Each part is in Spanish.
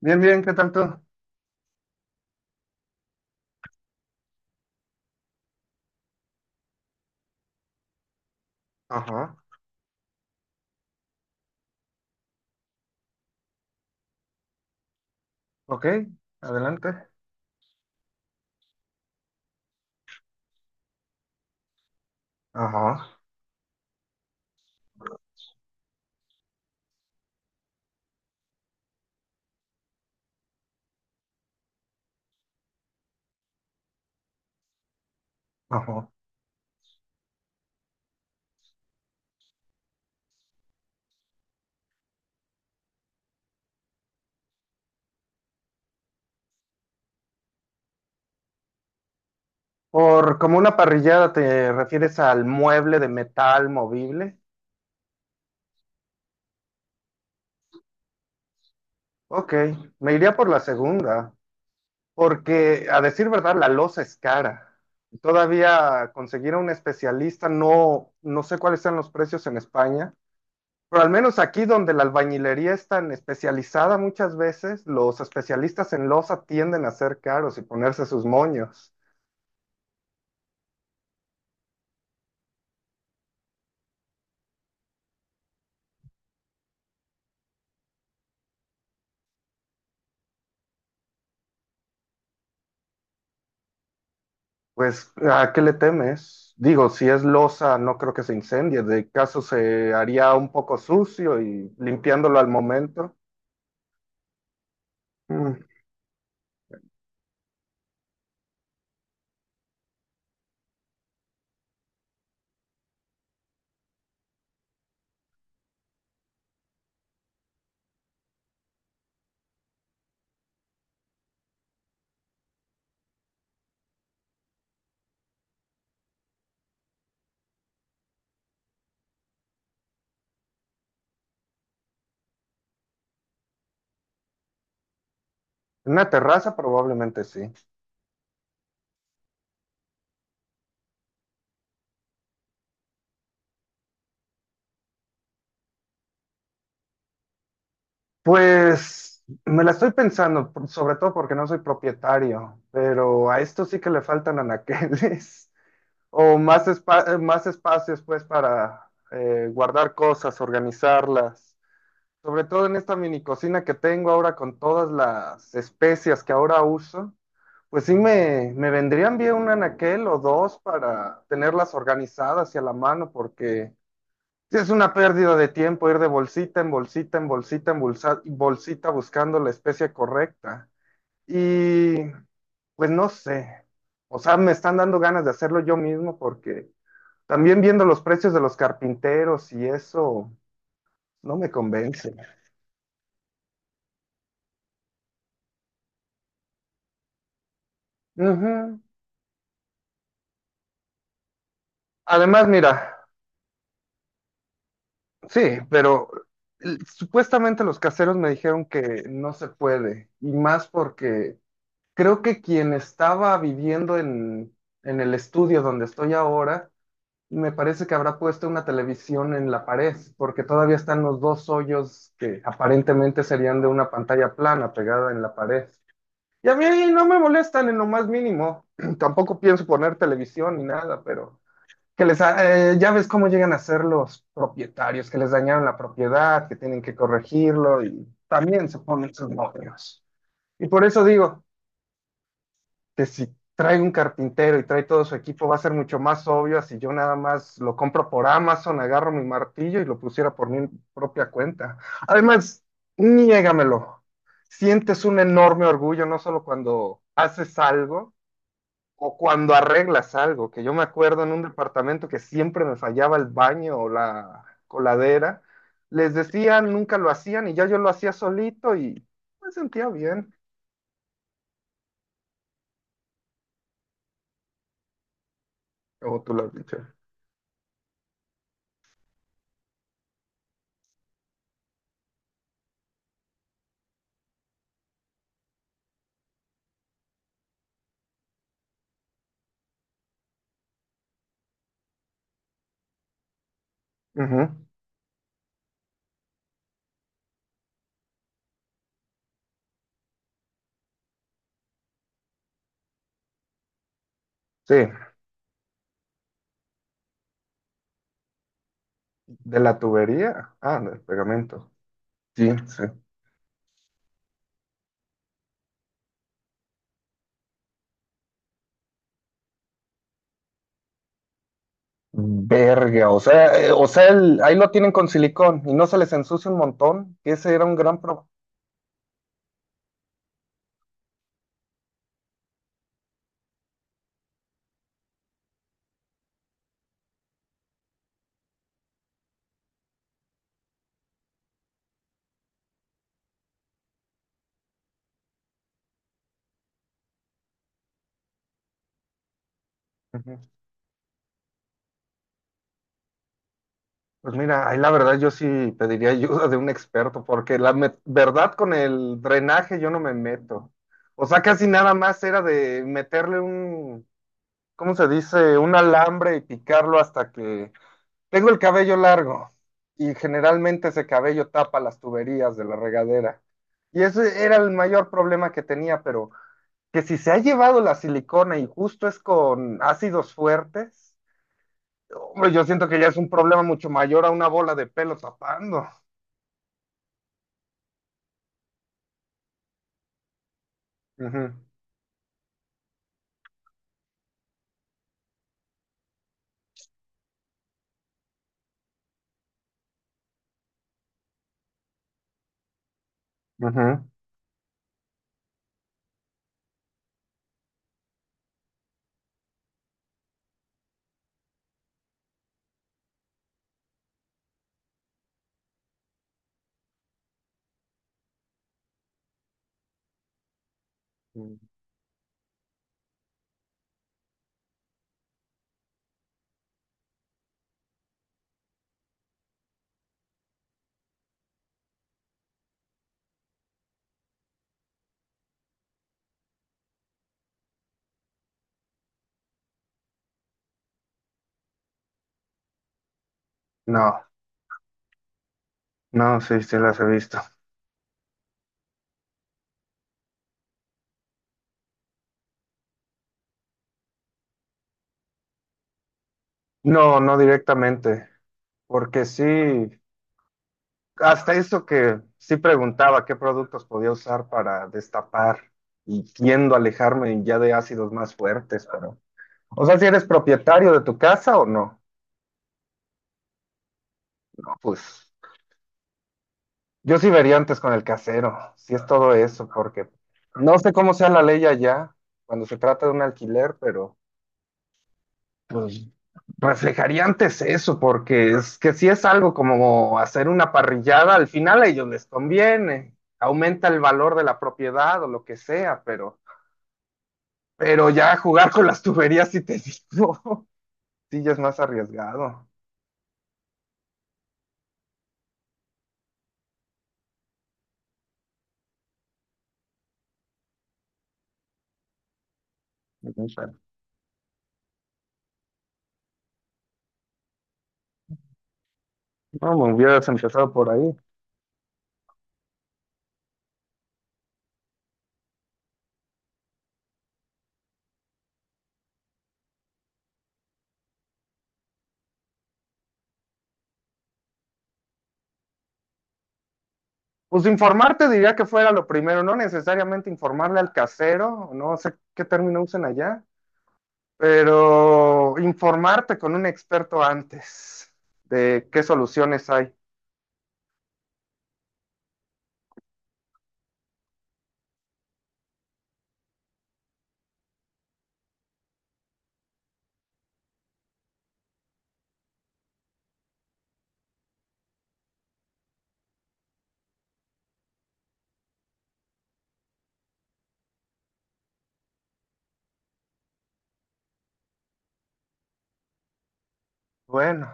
Bien, bien, ¿qué tal tú? Ajá, ok, adelante. Ajá, ajá. Por como una parrillada te refieres al mueble de metal movible. Ok, me iría por la segunda, porque a decir verdad, la loza es cara. Todavía conseguir a un especialista, no, no sé cuáles sean los precios en España, pero al menos aquí donde la albañilería es tan especializada muchas veces, los especialistas en loza tienden a ser caros y ponerse sus moños. Pues, ¿a qué le temes? Digo, si es losa, no creo que se incendie. De caso se haría un poco sucio y limpiándolo al momento. Mm. En una terraza probablemente sí. Pues me la estoy pensando, sobre todo porque no soy propietario, pero a esto sí que le faltan anaqueles o más, más espacios pues para guardar cosas, organizarlas. Sobre todo en esta mini cocina que tengo ahora con todas las especias que ahora uso, pues sí me vendrían bien un anaquel o dos para tenerlas organizadas y a la mano, porque sí es una pérdida de tiempo ir de bolsita en bolsita en bolsita en bolsita buscando la especia correcta. Y pues no sé, o sea, me están dando ganas de hacerlo yo mismo porque también viendo los precios de los carpinteros y eso no me convence. Ujú. Además, mira, sí, pero supuestamente los caseros me dijeron que no se puede, y más porque creo que quien estaba viviendo en el estudio donde estoy ahora, me parece que habrá puesto una televisión en la pared, porque todavía están los dos hoyos que aparentemente serían de una pantalla plana pegada en la pared. Y a mí no me molestan en lo más mínimo, tampoco pienso poner televisión ni nada, pero... que ya ves cómo llegan a ser los propietarios, que les dañaron la propiedad, que tienen que corregirlo y también se ponen sus novios. Y por eso digo que si trae un carpintero y trae todo su equipo, va a ser mucho más obvio a si yo nada más lo compro por Amazon, agarro mi martillo y lo pusiera por mi propia cuenta. Además, niégamelo, sientes un enorme orgullo, no solo cuando haces algo, o cuando arreglas algo, que yo me acuerdo en un departamento que siempre me fallaba el baño o la coladera, les decían, nunca lo hacían y ya yo lo hacía solito y me sentía bien, como tú lo has dicho. Ujú. Sí, de la tubería, ah, del pegamento. Sí, sí. Verga, o sea, ahí lo tienen con silicón y no se les ensucia un montón, que ese era un gran problema. Pues mira, ahí la verdad yo sí pediría ayuda de un experto, porque verdad con el drenaje yo no me meto. O sea, casi nada más era de meterle ¿cómo se dice? Un alambre y picarlo hasta que... Tengo el cabello largo y generalmente ese cabello tapa las tuberías de la regadera. Y ese era el mayor problema que tenía, pero que si se ha llevado la silicona y justo es con ácidos fuertes, hombre, yo siento que ya es un problema mucho mayor a una bola de pelo tapando. Ujú, ujú. Mm. No, no, sí, sí las he visto. No, no directamente, porque sí, hasta eso que sí preguntaba qué productos podía usar para destapar y tiendo a alejarme ya de ácidos más fuertes, pero... O sea, si eres propietario de tu casa o no, pues yo sí vería antes con el casero, si es todo eso, porque no sé cómo sea la ley allá cuando se trata de un alquiler, pero... pues reflejaría antes eso, porque es que si es algo como hacer una parrillada, al final a ellos les conviene, aumenta el valor de la propiedad o lo que sea, pero ya jugar con las tuberías, si te digo, sí ya es más arriesgado. No, me hubieras empezado por ahí. Pues informarte diría que fuera lo primero, no necesariamente informarle al casero, no sé qué término usen allá. Pero informarte con un experto antes de qué soluciones hay. Bueno,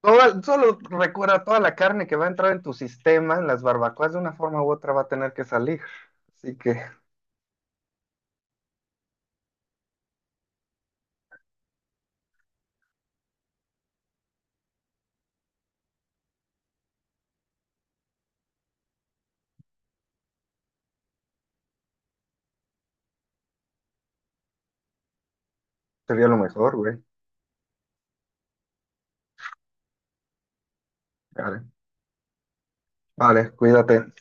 solo recuerda toda la carne que va a entrar en tu sistema, en las barbacoas, de una forma u otra va a tener que salir. Así que sería lo mejor, güey. Vale, vale, cuídate.